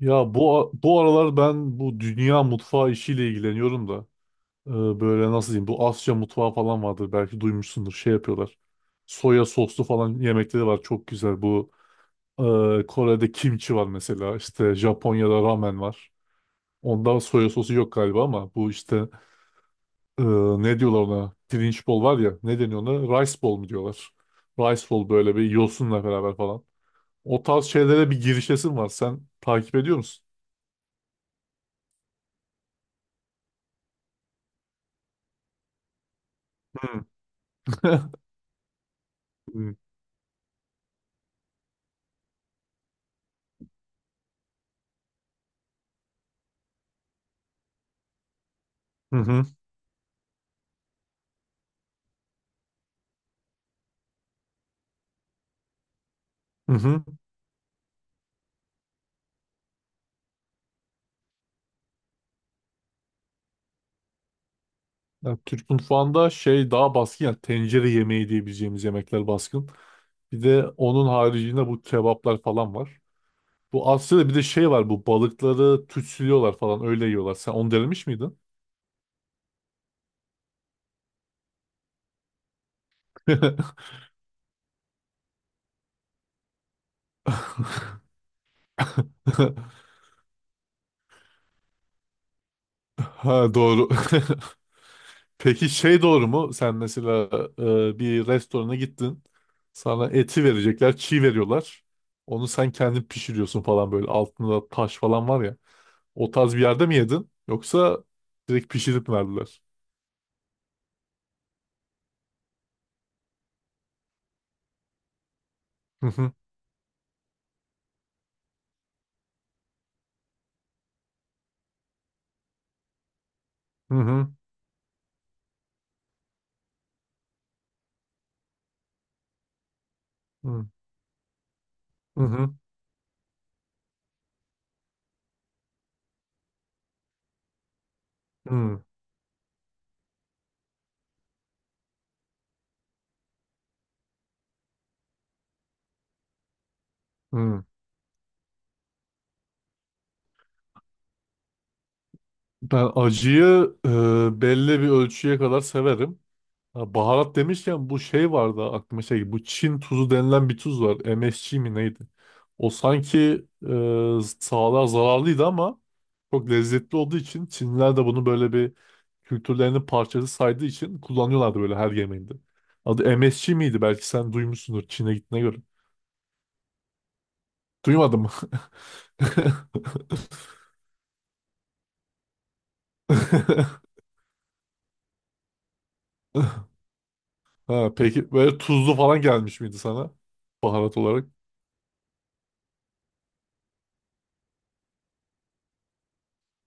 Ya bu bu aralar ben bu dünya mutfağı işiyle ilgileniyorum da e, böyle nasıl diyeyim, bu Asya mutfağı falan vardır, belki duymuşsundur, şey yapıyorlar. Soya soslu falan yemekleri var, çok güzel bu Kore'de kimchi var mesela, işte Japonya'da ramen var. Onda soya sosu yok galiba ama bu işte e, ne diyorlar ona, pirinç bol var ya, ne deniyor ona, rice bol mu diyorlar. Rice bol, böyle bir yosunla beraber falan. O tarz şeylere bir girişesin var, sen takip ediyor musun? Hı. Hı hı. Hı hı. Ya Türk mutfağında şey daha baskın, ya tencere yemeği diyebileceğimiz yemekler baskın. Bir de onun haricinde bu kebaplar falan var. Bu Asya'da bir de şey var, bu balıkları tütsülüyorlar falan, öyle yiyorlar. Sen onu denemiş miydin? Ha, doğru. Peki şey doğru mu? Sen mesela bir restorana gittin. Sana eti verecekler, çiğ veriyorlar. Onu sen kendin pişiriyorsun falan, böyle altında taş falan var ya. O tarz bir yerde mi yedin? Yoksa direkt pişirip mi verdiler? Hı hı, hı hı, hı hı, hı hı. Ben acıyı belli bir ölçüye kadar severim. Ha, baharat demişken bu şey vardı aklıma, şey, bu Çin tuzu denilen bir tuz var. MSG mi neydi? O sanki sağlığa zararlıydı ama çok lezzetli olduğu için Çinliler de bunu, böyle bir kültürlerinin parçası saydığı için, kullanıyorlardı böyle her yemeğinde. Adı MSG miydi? Belki sen duymuşsundur Çin'e gittiğine göre. Duymadım. Ha, peki böyle tuzlu falan gelmiş miydi sana baharat olarak?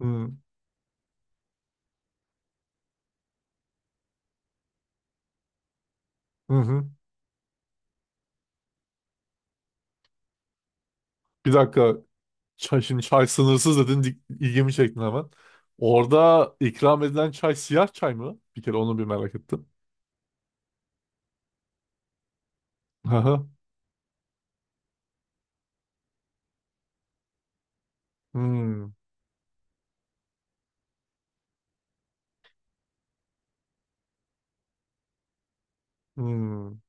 Hı hı. Hı. Bir dakika. Çay, şimdi çay sınırsız dedin. İlgimi çektin hemen. Orada ikram edilen çay siyah çay mı? Bir kere onu bir merak ettim. Hı hı. Hmm, hmm.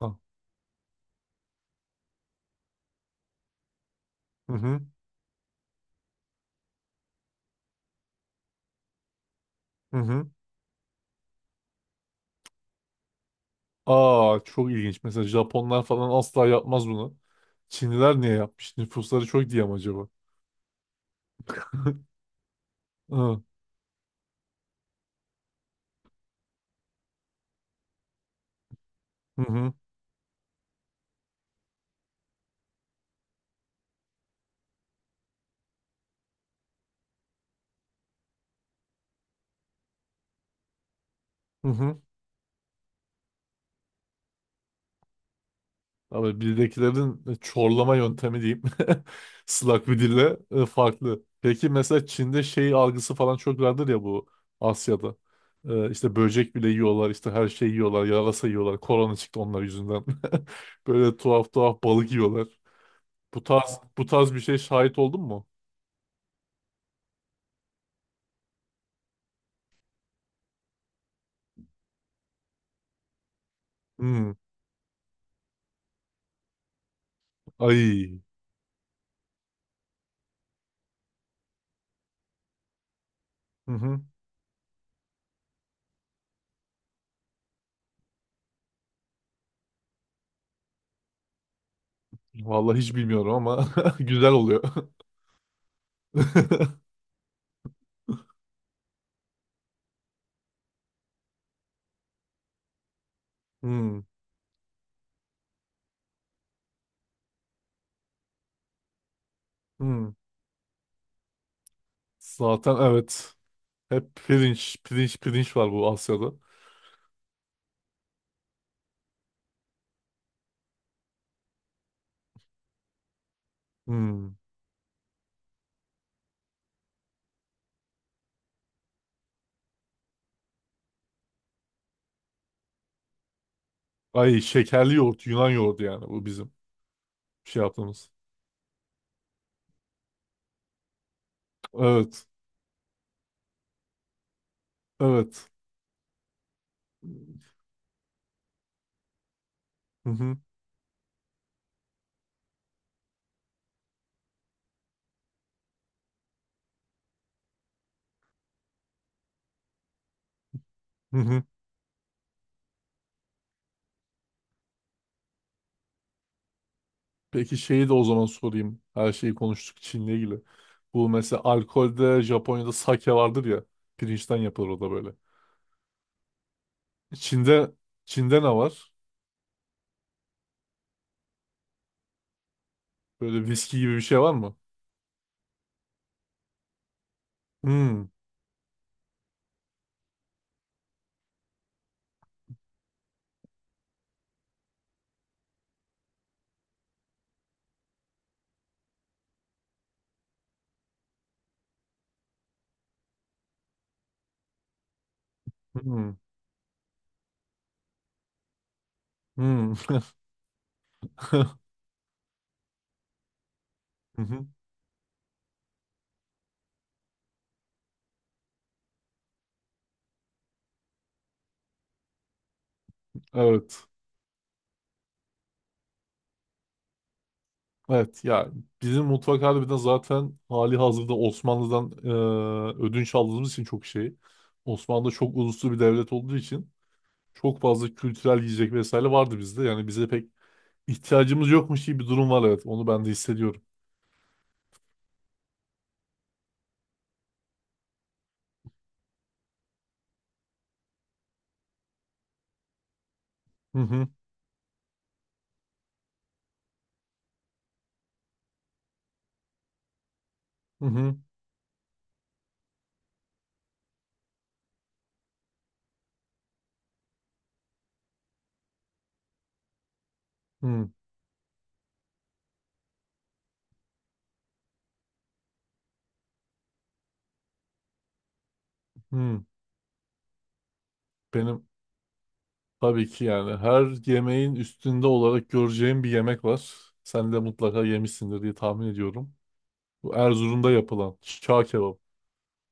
Ha, hı hı. Hı hı. Aa, çok ilginç. Mesela Japonlar falan asla yapmaz bunu. Çinliler niye yapmış? Nüfusları çok diye mi acaba? Hı hı. Hı hı. Abi bizdekilerin çorlama yöntemi diyeyim. Slak bir dille farklı. Peki mesela Çin'de şey algısı falan çok vardır ya, bu Asya'da. E, işte böcek bile yiyorlar, işte her şeyi yiyorlar, yarasa yiyorlar. Korona çıktı onlar yüzünden. Böyle tuhaf tuhaf balık yiyorlar. Bu tarz, bu tarz bir şey şahit oldun mu? Hmm. Ay. Hı hı. Vallahi hiç bilmiyorum ama güzel oluyor. Hmm. Hmm. Zaten evet. Hep pirinç, pirinç, pirinç var bu Asya'da. Hmm. Ay, şekerli yoğurt, Yunan yoğurdu yani, bu bizim şey yaptığımız. Evet, evet. Hı hı, hı hı. Peki şeyi de o zaman sorayım. Her şeyi konuştuk Çin'le ilgili. Bu mesela, alkolde Japonya'da sake vardır ya. Pirinçten yapılır o da böyle. Çin'de Çin'de ne var? Böyle viski gibi bir şey var mı? Hmm. Hmm. Hmm. Hı hı. Evet. Evet ya, bizim mutfak harbiden zaten hali hazırda Osmanlı'dan ödünç aldığımız için çok şey. Osmanlı çok uluslu bir devlet olduğu için çok fazla kültürel yiyecek vesaire vardı bizde. Yani bize pek ihtiyacımız yokmuş gibi bir durum var, evet. Onu ben de hissediyorum. Hı hı, hı hı, hı. Hı. Benim tabii ki yani her yemeğin üstünde olarak göreceğim bir yemek var. Sen de mutlaka yemişsindir diye tahmin ediyorum. Bu Erzurum'da yapılan çağ kebabı.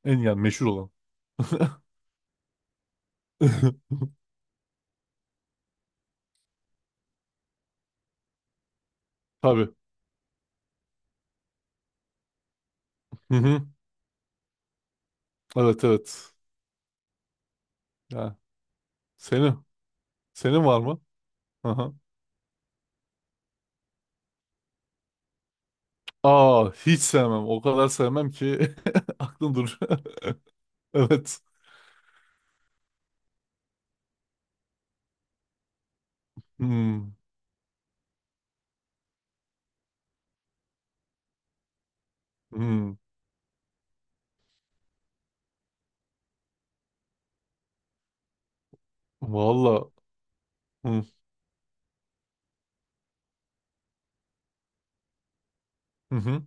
En yani meşhur olan. Tabii. Hı hı. Evet, evet. Ya, senin. Senin var mı? Aha. Aa, hiç sevmem. O kadar sevmem ki aklım durur. Evet. Hmm. Hmm. Valla. Hmm. Hı hı.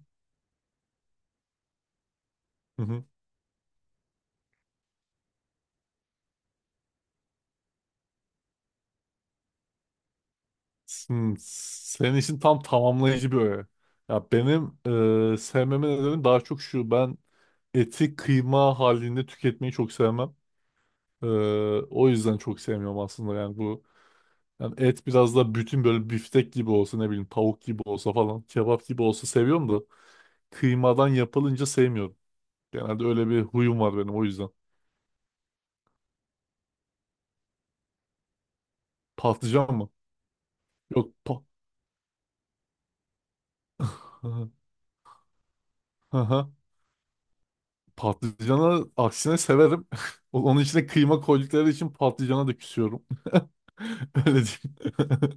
Hı hı. Hmm. Senin için tam tamamlayıcı bir öğe. Ya benim sevmemin nedeni daha çok şu. Ben eti kıyma halinde tüketmeyi çok sevmem. E, o yüzden çok sevmiyorum aslında, yani bu, yani et biraz da bütün, böyle biftek gibi olsa, ne bileyim tavuk gibi olsa falan, kebap gibi olsa seviyorum da kıymadan yapılınca sevmiyorum. Genelde öyle bir huyum var benim, o yüzden. Patlıcan mı? Yok pa Aha. Patlıcanı aksine severim. Onun içine kıyma koydukları için patlıcana da küsüyorum. Öyle diyeyim.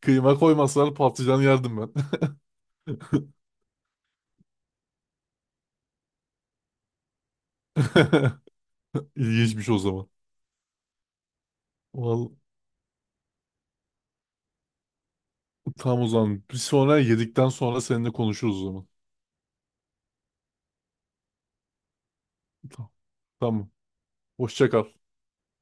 Kıyma koymasalar patlıcan yerdim ben. İlginçmiş o zaman. Vallahi, tam o zaman. Bir sonra yedikten sonra seninle konuşuruz o zaman. Tamam. Tamam. Hoşça kal.